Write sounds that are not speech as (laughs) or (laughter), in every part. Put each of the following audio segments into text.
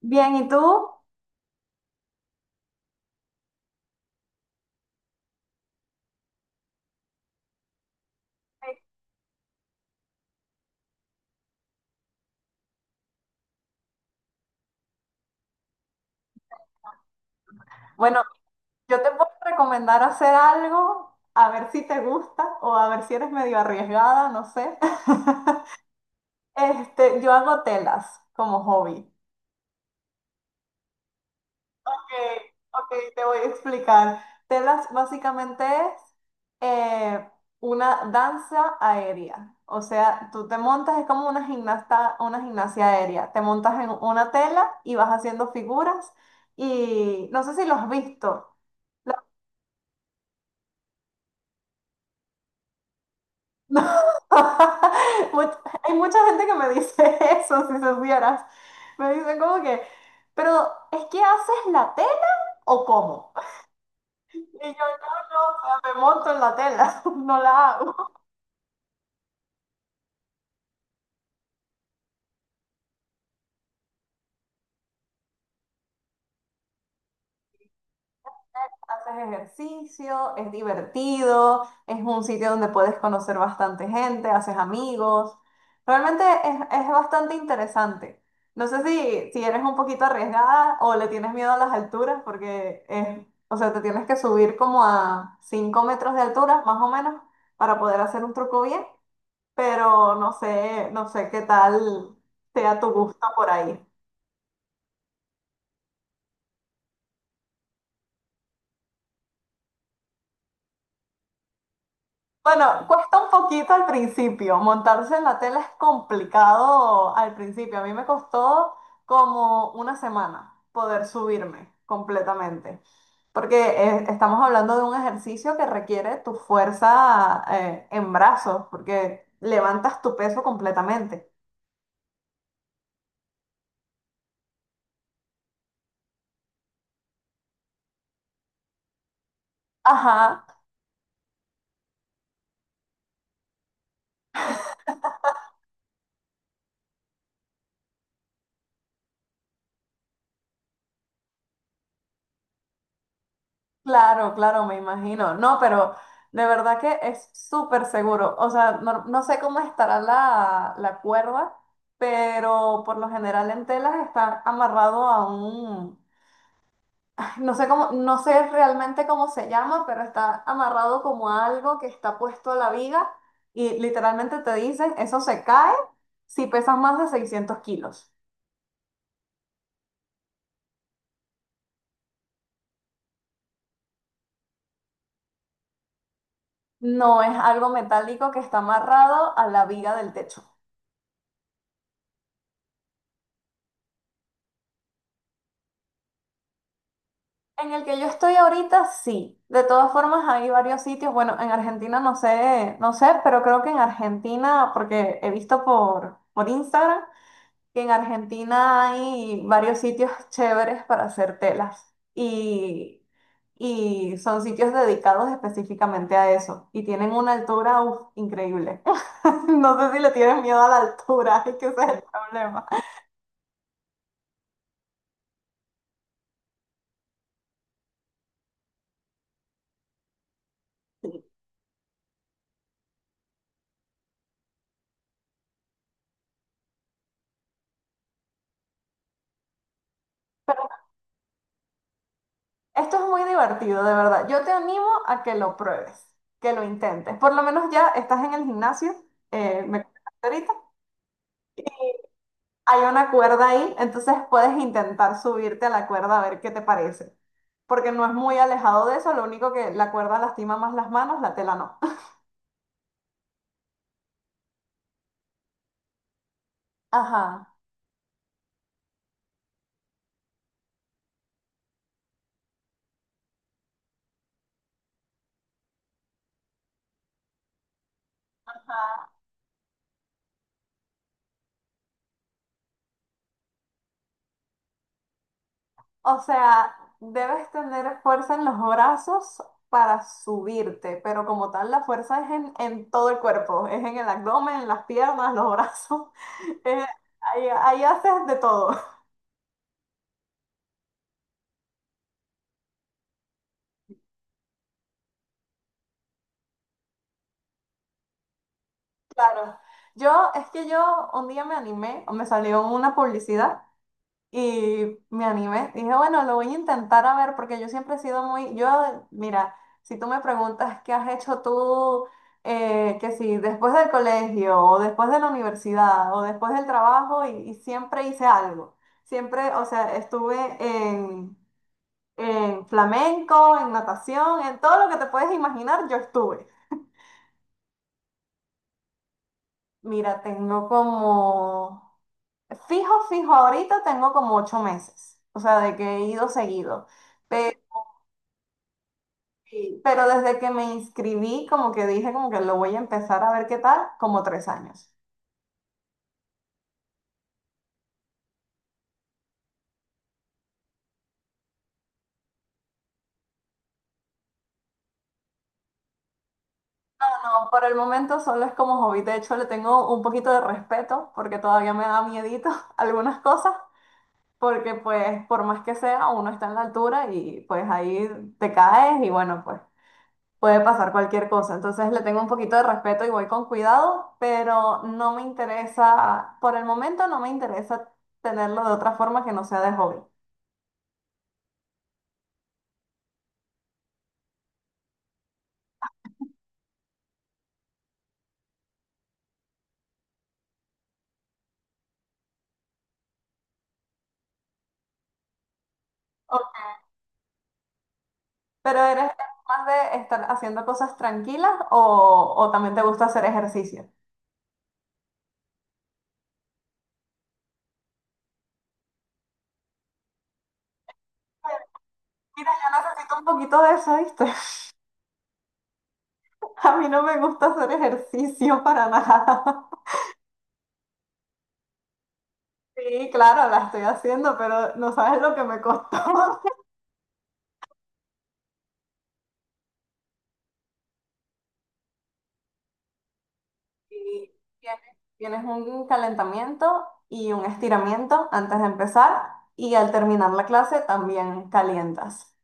Bien, ¿y tú? Bueno, yo te puedo recomendar hacer algo, a ver si te gusta o a ver si eres medio arriesgada, no sé. (laughs) Yo hago telas como hobby. Ok, ok, te voy a explicar. Telas básicamente es eh, una danza aérea. O sea, tú te montas, es como una gimnasta, una gimnasia aérea. Te montas en una tela y vas haciendo figuras y no sé si lo has visto. No. (laughs) Much- hay mucha gente que me dice (laughs) eso, si supieras. Me dicen como que, pero ¿es que haces la tela o cómo? (laughs) Y yo, no, no, o sea, me monto en la tela, (laughs) no la hago. Haces ejercicio, es divertido, es un sitio donde puedes conocer bastante gente, haces amigos. Realmente es bastante interesante. No sé si eres un poquito arriesgada o le tienes miedo a las alturas, porque es, o sea, te tienes que subir como a 5 metros de altura, más o menos, para poder hacer un truco bien, pero no sé, no sé qué tal sea tu gusto por ahí. Bueno, cuesta un poquito al principio. Montarse en la tela es complicado al principio. A mí me costó como una semana poder subirme completamente, porque estamos hablando de un ejercicio que requiere tu fuerza en brazos, porque levantas tu peso completamente. Ajá. Claro, claro, me imagino. No, pero de verdad que es súper seguro. O sea, no, no sé cómo estará la cuerda, pero por lo general en telas está amarrado a un, ay, no sé cómo, no sé realmente cómo se llama, pero está amarrado como a algo que está puesto a la viga y literalmente te dicen, eso se cae si pesas más de 600 kilos. No, es algo metálico que está amarrado a la viga del techo. En el que yo estoy ahorita, sí. De todas formas, hay varios sitios. Bueno, en Argentina no sé, no sé, pero creo que en Argentina, porque he visto por Instagram, que en Argentina hay varios sitios chéveres para hacer telas. Y son sitios dedicados específicamente a eso. Y tienen una altura, uf, increíble. (laughs) No sé si le tienen miedo a la altura, (laughs) es que ese es el problema. Esto es muy divertido, de verdad. Yo te animo a que lo pruebes, que lo intentes. Por lo menos ya estás en el gimnasio, me comentaste ahorita. Hay una cuerda ahí, entonces puedes intentar subirte a la cuerda a ver qué te parece. Porque no es muy alejado de eso, lo único que la cuerda lastima más las manos, la tela no. (laughs) Ajá. O sea, debes tener fuerza en los brazos para subirte, pero como tal, la fuerza es en todo el cuerpo, es en el abdomen, en las piernas, los brazos. Eh, ahí, ahí haces de todo. (laughs) Claro. Yo, es que yo un día me animé, o me salió una publicidad y me animé. Dije, bueno, lo voy a intentar a ver, porque yo siempre he sido muy, yo, mira, si tú me preguntas qué has hecho tú, que si después del colegio, o después de la universidad, o después del trabajo, y siempre hice algo. Siempre, o sea, en flamenco, en natación, en todo lo que te puedes imaginar, yo estuve. Mira, tengo como, fijo, fijo, ahorita tengo como 8 meses, o sea, de que he ido seguido, pero, pero desde que me inscribí, como que dije, como que lo voy a empezar a ver qué tal, como 3 años. No, por el momento solo es como hobby, de hecho le tengo un poquito de respeto porque todavía me da miedito (laughs) algunas cosas, porque pues por más que sea, uno está en la altura y pues ahí te caes y bueno, pues puede pasar cualquier cosa, entonces le tengo un poquito de respeto y voy con cuidado, pero no me interesa, por el momento no me interesa tenerlo de otra forma que no sea de hobby. O- ¿Pero eres más de estar haciendo cosas tranquilas o también te gusta hacer ejercicio? Mira, yo necesito un poquito de eso, ¿viste? (laughs) A mí no me gusta hacer ejercicio para nada. (laughs) Sí, claro, la estoy haciendo, pero no sabes lo que me costó. Y tienes, tienes un calentamiento y un estiramiento antes de empezar y al terminar la clase también calientas.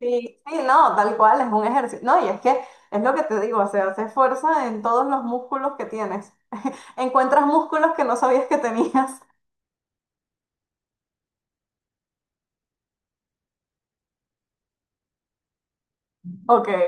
Sí, sí, no, tal cual, es un ejercicio. No, y es que es lo que te digo, o sea, se fuerza en todos los músculos que tienes. Encuentras músculos que no sabías que tenías. Ok. No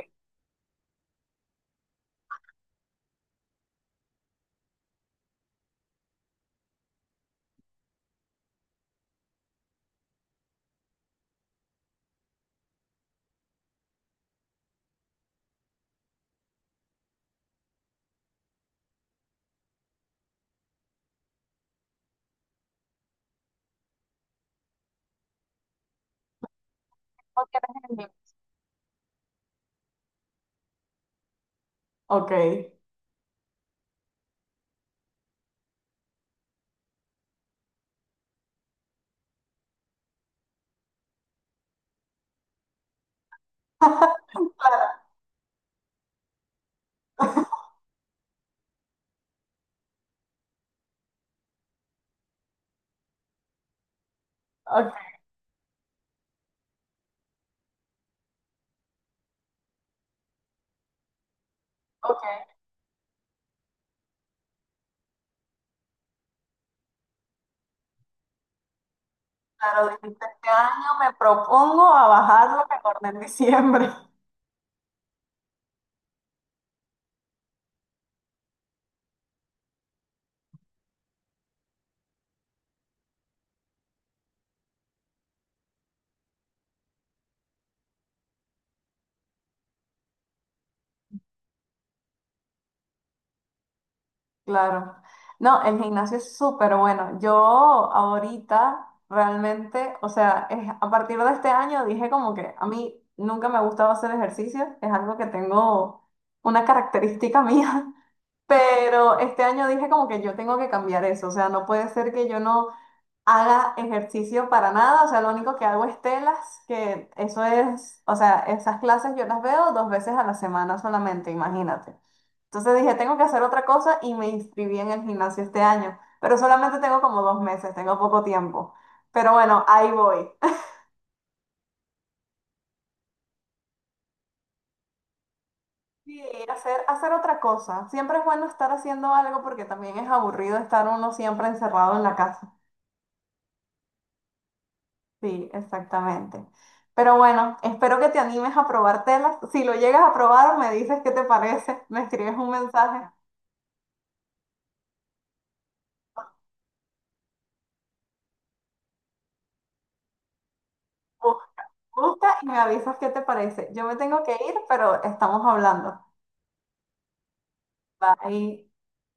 tienes en mí. Ok. Claro, ok, ok. Claro, dijiste, este año me propongo a bajar lo que engordé en diciembre. Claro. No, el gimnasio es súper bueno. Yo ahorita realmente, o sea, a partir de este año dije como que a mí nunca me ha gustado hacer ejercicio, es algo que tengo una característica mía, (laughs) pero este año dije como que yo tengo que cambiar eso, o sea, no puede ser que yo no haga ejercicio para nada, o sea, lo único que hago es telas, que eso es, o sea, esas clases yo las veo 2 veces a la semana solamente, imagínate. Entonces dije, tengo que hacer otra cosa y me inscribí en el gimnasio este año, pero solamente tengo como 2 meses, tengo poco tiempo. Pero bueno, ahí voy. (laughs) Sí, hacer, hacer otra cosa. Siempre es bueno estar haciendo algo porque también es aburrido estar uno siempre encerrado en la casa. Sí, exactamente. Pero bueno, espero que te animes a probar telas. Si lo llegas a probar, me dices qué te parece, (laughs) me escribes un mensaje, bu- busca y me avisas qué te parece. Yo me tengo que ir, pero estamos hablando. Bye.